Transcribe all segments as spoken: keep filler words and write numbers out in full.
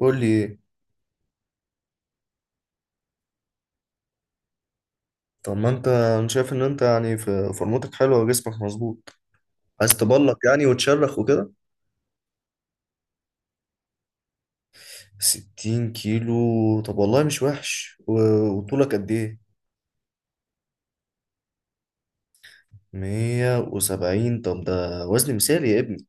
قول لي ايه؟ طب ما انت، انا شايف ان انت يعني في فورمتك حلوه وجسمك مظبوط، عايز تبلق يعني وتشرخ وكده. ستين كيلو؟ طب والله مش وحش، و- وطولك قد ايه؟ مية وسبعين؟ طب ده وزن مثالي يا ابني.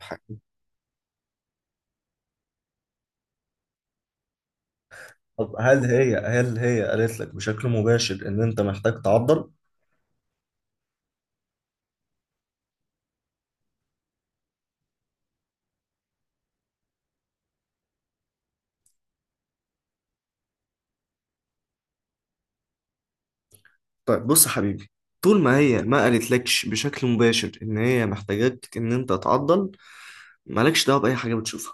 حاج- طب هل هي هل هي قالت لك بشكل مباشر ان انت محتاج تعضل؟ طيب بص يا حبيبي، طول ما هي ما قالتلكش بشكل مباشر ان هي محتاجاك ان انت تعضل، مالكش دعوه باي حاجه بتشوفها.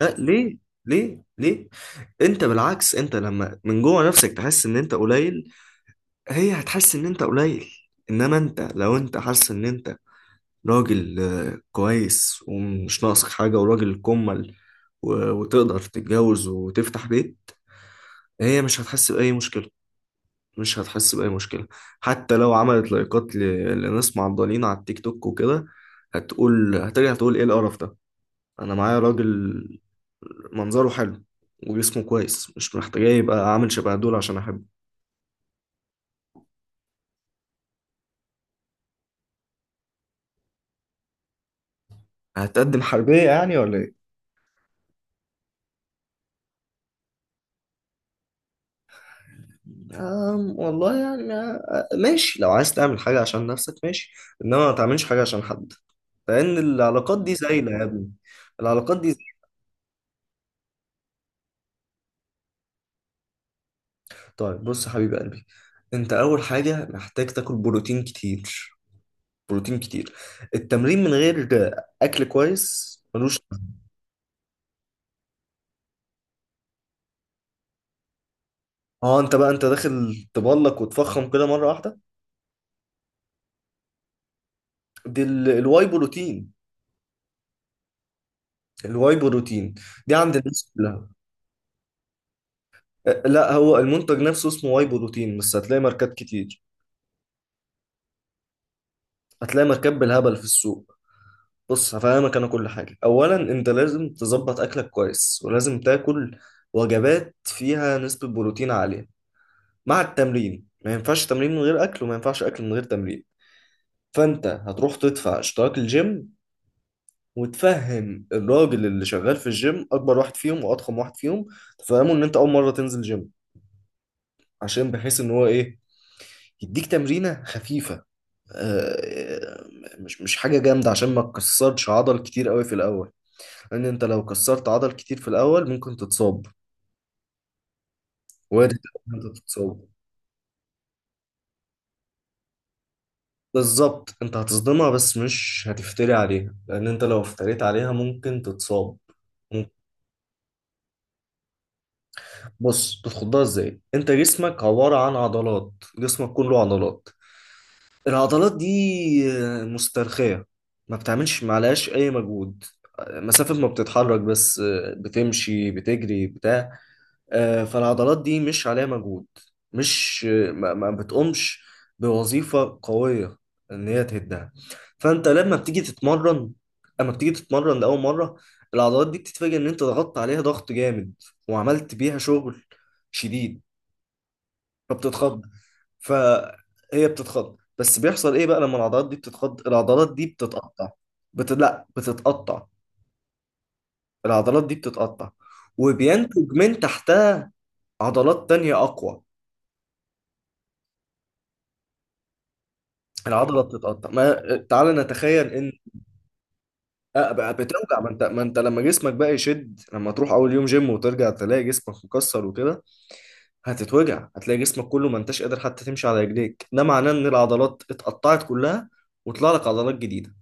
لا ليه، ليه ليه انت بالعكس، انت لما من جوه نفسك تحس ان انت قليل، هي هتحس ان انت قليل. انما انت لو انت حاسس ان انت راجل، آه، كويس ومش ناقصك حاجة وراجل كمل، و- وتقدر تتجوز وتفتح بيت، هي مش هتحس بأي مشكلة. مش هتحس بأي مشكلة. حتى لو عملت لايكات ل- لناس معضلين على التيك توك وكده، هتقول، هترجع تقول، ايه القرف ده، انا معايا راجل منظره حلو وجسمه كويس، مش محتاجة يبقى عامل شبه دول عشان احبه. هتقدم حربية يعني ولا ايه؟ أم والله يعني آه، ماشي، لو عايز تعمل حاجة عشان نفسك ماشي، انما ما تعملش حاجة عشان حد، لان العلاقات دي زايلة يا ابني. العلاقات دي زايلة. طيب بص يا حبيب قلبي، انت اول حاجة محتاج تاكل بروتين كتير. بروتين كتير. التمرين من غير اكل كويس ملوش. اه انت بقى، انت داخل تبلك وتفخم كده مرة واحدة. دي ال- الواي بروتين. الواي بروتين دي عند الناس كلها. أه، لا، هو المنتج نفسه اسمه واي بروتين، بس هتلاقي ماركات كتير. هتلاقي ماركات بالهبل في السوق. بص هفهمك انا كل حاجه. اولا انت لازم تظبط اكلك كويس، ولازم تاكل وجبات فيها نسبه بروتين عاليه مع التمرين. ما ينفعش تمرين من غير اكل، وما ينفعش اكل من غير تمرين. فانت هتروح تدفع اشتراك الجيم، وتفهم الراجل اللي شغال في الجيم، اكبر واحد فيهم واضخم واحد فيهم، تفهمه ان انت اول مره تنزل جيم، عشان بحيث ان هو ايه، يديك تمرينة خفيفة. آه، مش مش حاجة جامدة، عشان ما تكسرش عضل كتير قوي في الأول. لأن أنت لو كسرت عضل كتير في الأول ممكن تتصاب. وارد إن أنت تتصاب. بالظبط، أنت هتصدمها بس مش هتفتري عليها، لأن أنت لو افتريت عليها ممكن تتصاب. ممكن. بص تتخضها ازاي. انت جسمك عبارة عن عضلات. جسمك كله عضلات. العضلات دي آه، مسترخية، ما بتعملش، معلهاش أي مجهود. آه، مسافة ما بتتحرك بس، آه، بتمشي بتجري بتاع. آه، فالعضلات دي مش عليها مجهود، مش آه، ما ما بتقومش بوظيفة قوية إن هي تهدها. فأنت لما بتيجي تتمرن، أما بتيجي تتمرن لأول مرة، العضلات دي بتتفاجئ إن أنت ضغطت عليها ضغط جامد، وعملت بيها شغل شديد. فبتتخض. فهي بتتخض. بس بيحصل ايه بقى لما العضلات دي بتتخض؟ العضلات دي بتتقطع. بت... لا، بتتقطع. العضلات دي بتتقطع، وبينتج من تحتها عضلات تانية اقوى. العضلة بتتقطع. ما تعال نتخيل ان آه، بقى بتوجع. ما انت، ما انت لما جسمك بقى يشد، لما تروح اول يوم جيم وترجع تلاقي جسمك مكسر وكده، هتتوجع. هتلاقي جسمك كله ما انتش قادر حتى تمشي على رجليك. ده معناه ان العضلات اتقطعت كلها، وطلع لك عضلات جديدة.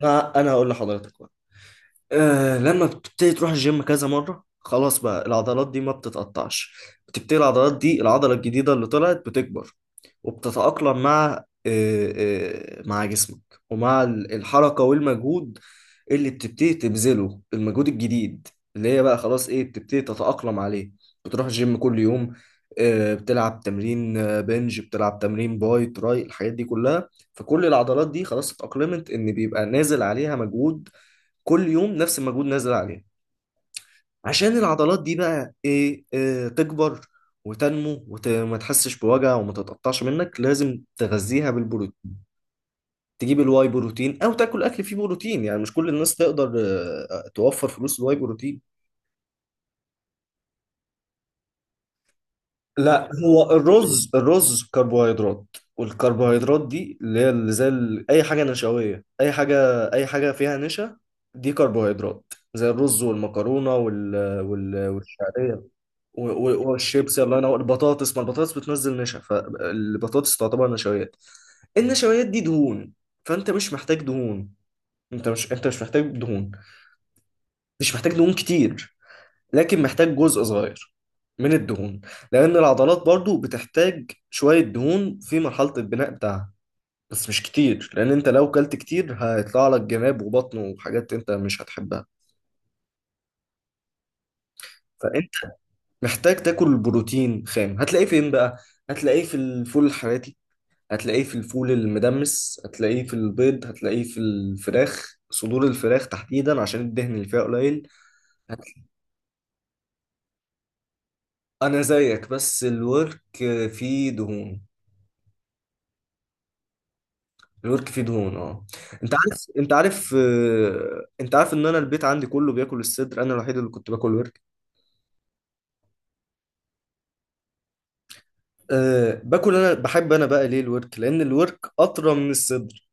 فانا هقول لحضرتك، آه لما بتبتدي تروح الجيم كذا مرة، خلاص بقى العضلات دي ما بتتقطعش. بتبتدي العضلات دي، العضلة الجديدة اللي طلعت بتكبر وبتتأقلم مع آه آه مع جسمك ومع ال- الحركة والمجهود اللي بتبتدي تبذله، المجهود الجديد اللي هي بقى خلاص ايه، بتبتدي تتأقلم عليه. بتروح الجيم كل يوم، آه بتلعب تمرين آه، بنج، بتلعب تمرين باي تراي، الحاجات دي كلها، فكل العضلات دي خلاص اتأقلمت ان بيبقى نازل عليها مجهود. كل يوم نفس المجهود نازل عليه. عشان العضلات دي بقى ايه, إيه، تكبر وتنمو وما تحسش بوجع وما تتقطعش منك، لازم تغذيها بالبروتين. تجيب الواي بروتين او تاكل اكل فيه بروتين، يعني مش كل الناس تقدر آه، آه، توفر فلوس الواي بروتين. لا، هو الرز، الرز كربوهيدرات. والكربوهيدرات دي اللي هي، اللي زي ال- اي حاجه نشويه، اي حاجه، اي حاجه فيها نشا دي كربوهيدرات، زي الرز والمكرونه وال وال والشعريه و- و- والشيبسي. الله ينور، البطاطس، ما البطاطس بتنزل نشا، فالبطاطس تعتبر نشويات. النشويات دي دهون، فانت مش محتاج دهون. انت مش انت مش محتاج دهون. مش محتاج دهون كتير، لكن محتاج جزء صغير من الدهون، لان العضلات برضو بتحتاج شوية دهون في مرحلة البناء بتاعها. بس مش كتير، لان انت لو كلت كتير هيطلع لك جناب وبطن وحاجات انت مش هتحبها. فانت محتاج تاكل بروتين خام. هتلاقيه فين بقى؟ هتلاقيه في الفول الحراتي، هتلاقيه في الفول المدمس، هتلاقيه في البيض، هتلاقيه في الفراخ، صدور الفراخ تحديدا عشان الدهن اللي فيها قليل. هت- انا زيك، بس الورك فيه دهون. الورك فيه دهون اه. انت عارف، انت عارف آه، انت عارف ان انا البيت عندي كله بياكل الصدر، انا الوحيد اللي كنت باكل ورك. أه باكل، انا بحب، انا بقى ليه الورك؟ لان الورك اطرى من الصدر.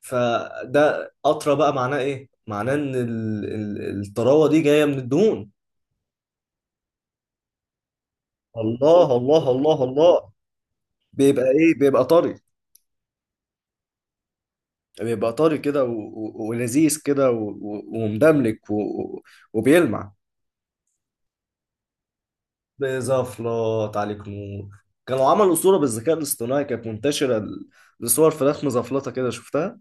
فده اطرى، بقى معناه ايه؟ معناه ان ال- ال- الطراوه دي جايه من الدهون. الله الله الله الله. بيبقى ايه؟ بيبقى طري. بيبقى طري كده و- و- ولذيذ كده و- و- ومدملك و- و- وبيلمع. بزفلات عليك نور. كانوا عملوا صورة بالذكاء الاصطناعي كانت منتشرة ل- لصور فراخ مزفلطة كده، شفتها؟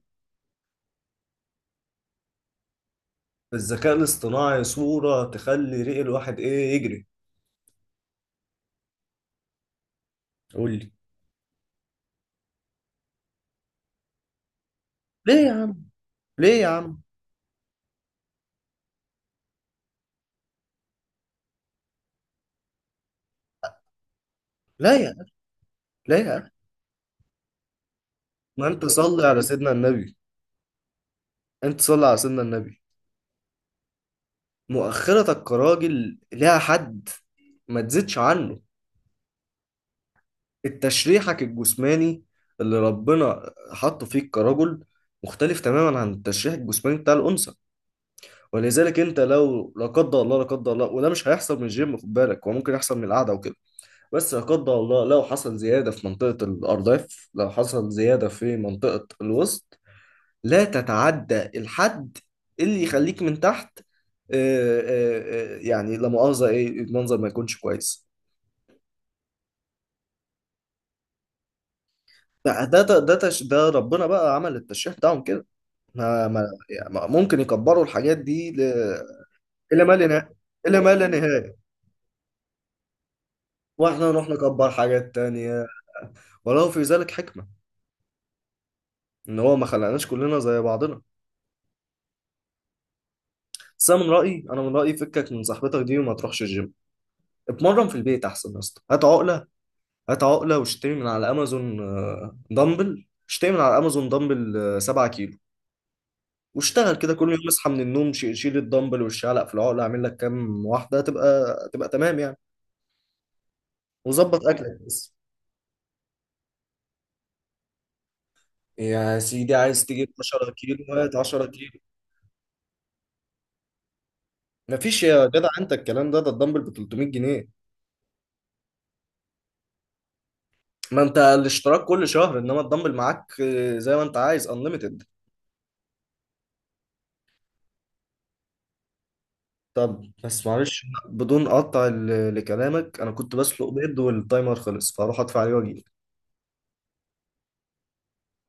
بالذكاء الاصطناعي صورة تخلي ريق الواحد ايه، يجري. قول لي. ليه يا عم، ليه يا عم. لا يا عم، لا يا عم. ما انت صلي على سيدنا النبي. انت صلي على سيدنا النبي. مؤخرتك كراجل ليها حد، ما تزيدش عنه. التشريحك الجسماني اللي ربنا حطه فيك كرجل مختلف تماما عن التشريح الجسماني بتاع الأنثى. ولذلك انت لو لا قدر الله، لا قدر الله، وده مش هيحصل من الجيم، خد بالك، هو ممكن يحصل من القعده وكده. بس لا قدر الله لو حصل زياده في منطقه الارداف، لو حصل زياده في منطقه الوسط، لا تتعدى الحد اللي يخليك من تحت آه، آه، آه، يعني لا مؤاخذه ايه، المنظر ما يكونش كويس. ده ده ده ده تش- ده ربنا بقى عمل التشريح بتاعهم كده. ما ما يعني ممكن يكبروا الحاجات دي ل... إلى ما لا نهاية. إلى ما لا نهاية. وإحنا نروح نكبر حاجات تانية. ولو في ذلك حكمة، إن هو ما خلقناش كلنا زي بعضنا. بس أنا من رأيي أنا من رأيي، فكك من صاحبتك دي وما تروحش الجيم. اتمرن في البيت أحسن يا اسطى. هات عقلة. هات عقلة، واشتري من على أمازون آه، دمبل. اشتري من على أمازون دمبل آه، سبعة كيلو، واشتغل كده كل يوم. اصحى من النوم، شي- شيل الدمبل والشعلق في العقلة، اعمل لك كام واحدة، تبقى تبقى تمام يعني. وظبط أكلك. يا سيدي عايز تجيب عشرة كيلو، هات عشرة كيلو. مفيش يا جدع، انت الكلام ده، ده الدمبل ب ثلاثمئة جنيه. ما انت الاشتراك كل شهر، انما الدمبل معاك آه، زي ما انت عايز، انليمتد. طب بس معلش، بدون اقطع ال- لكلامك، انا كنت بسلق بيض والتايمر خلص، فاروح ادفع عليه واجيب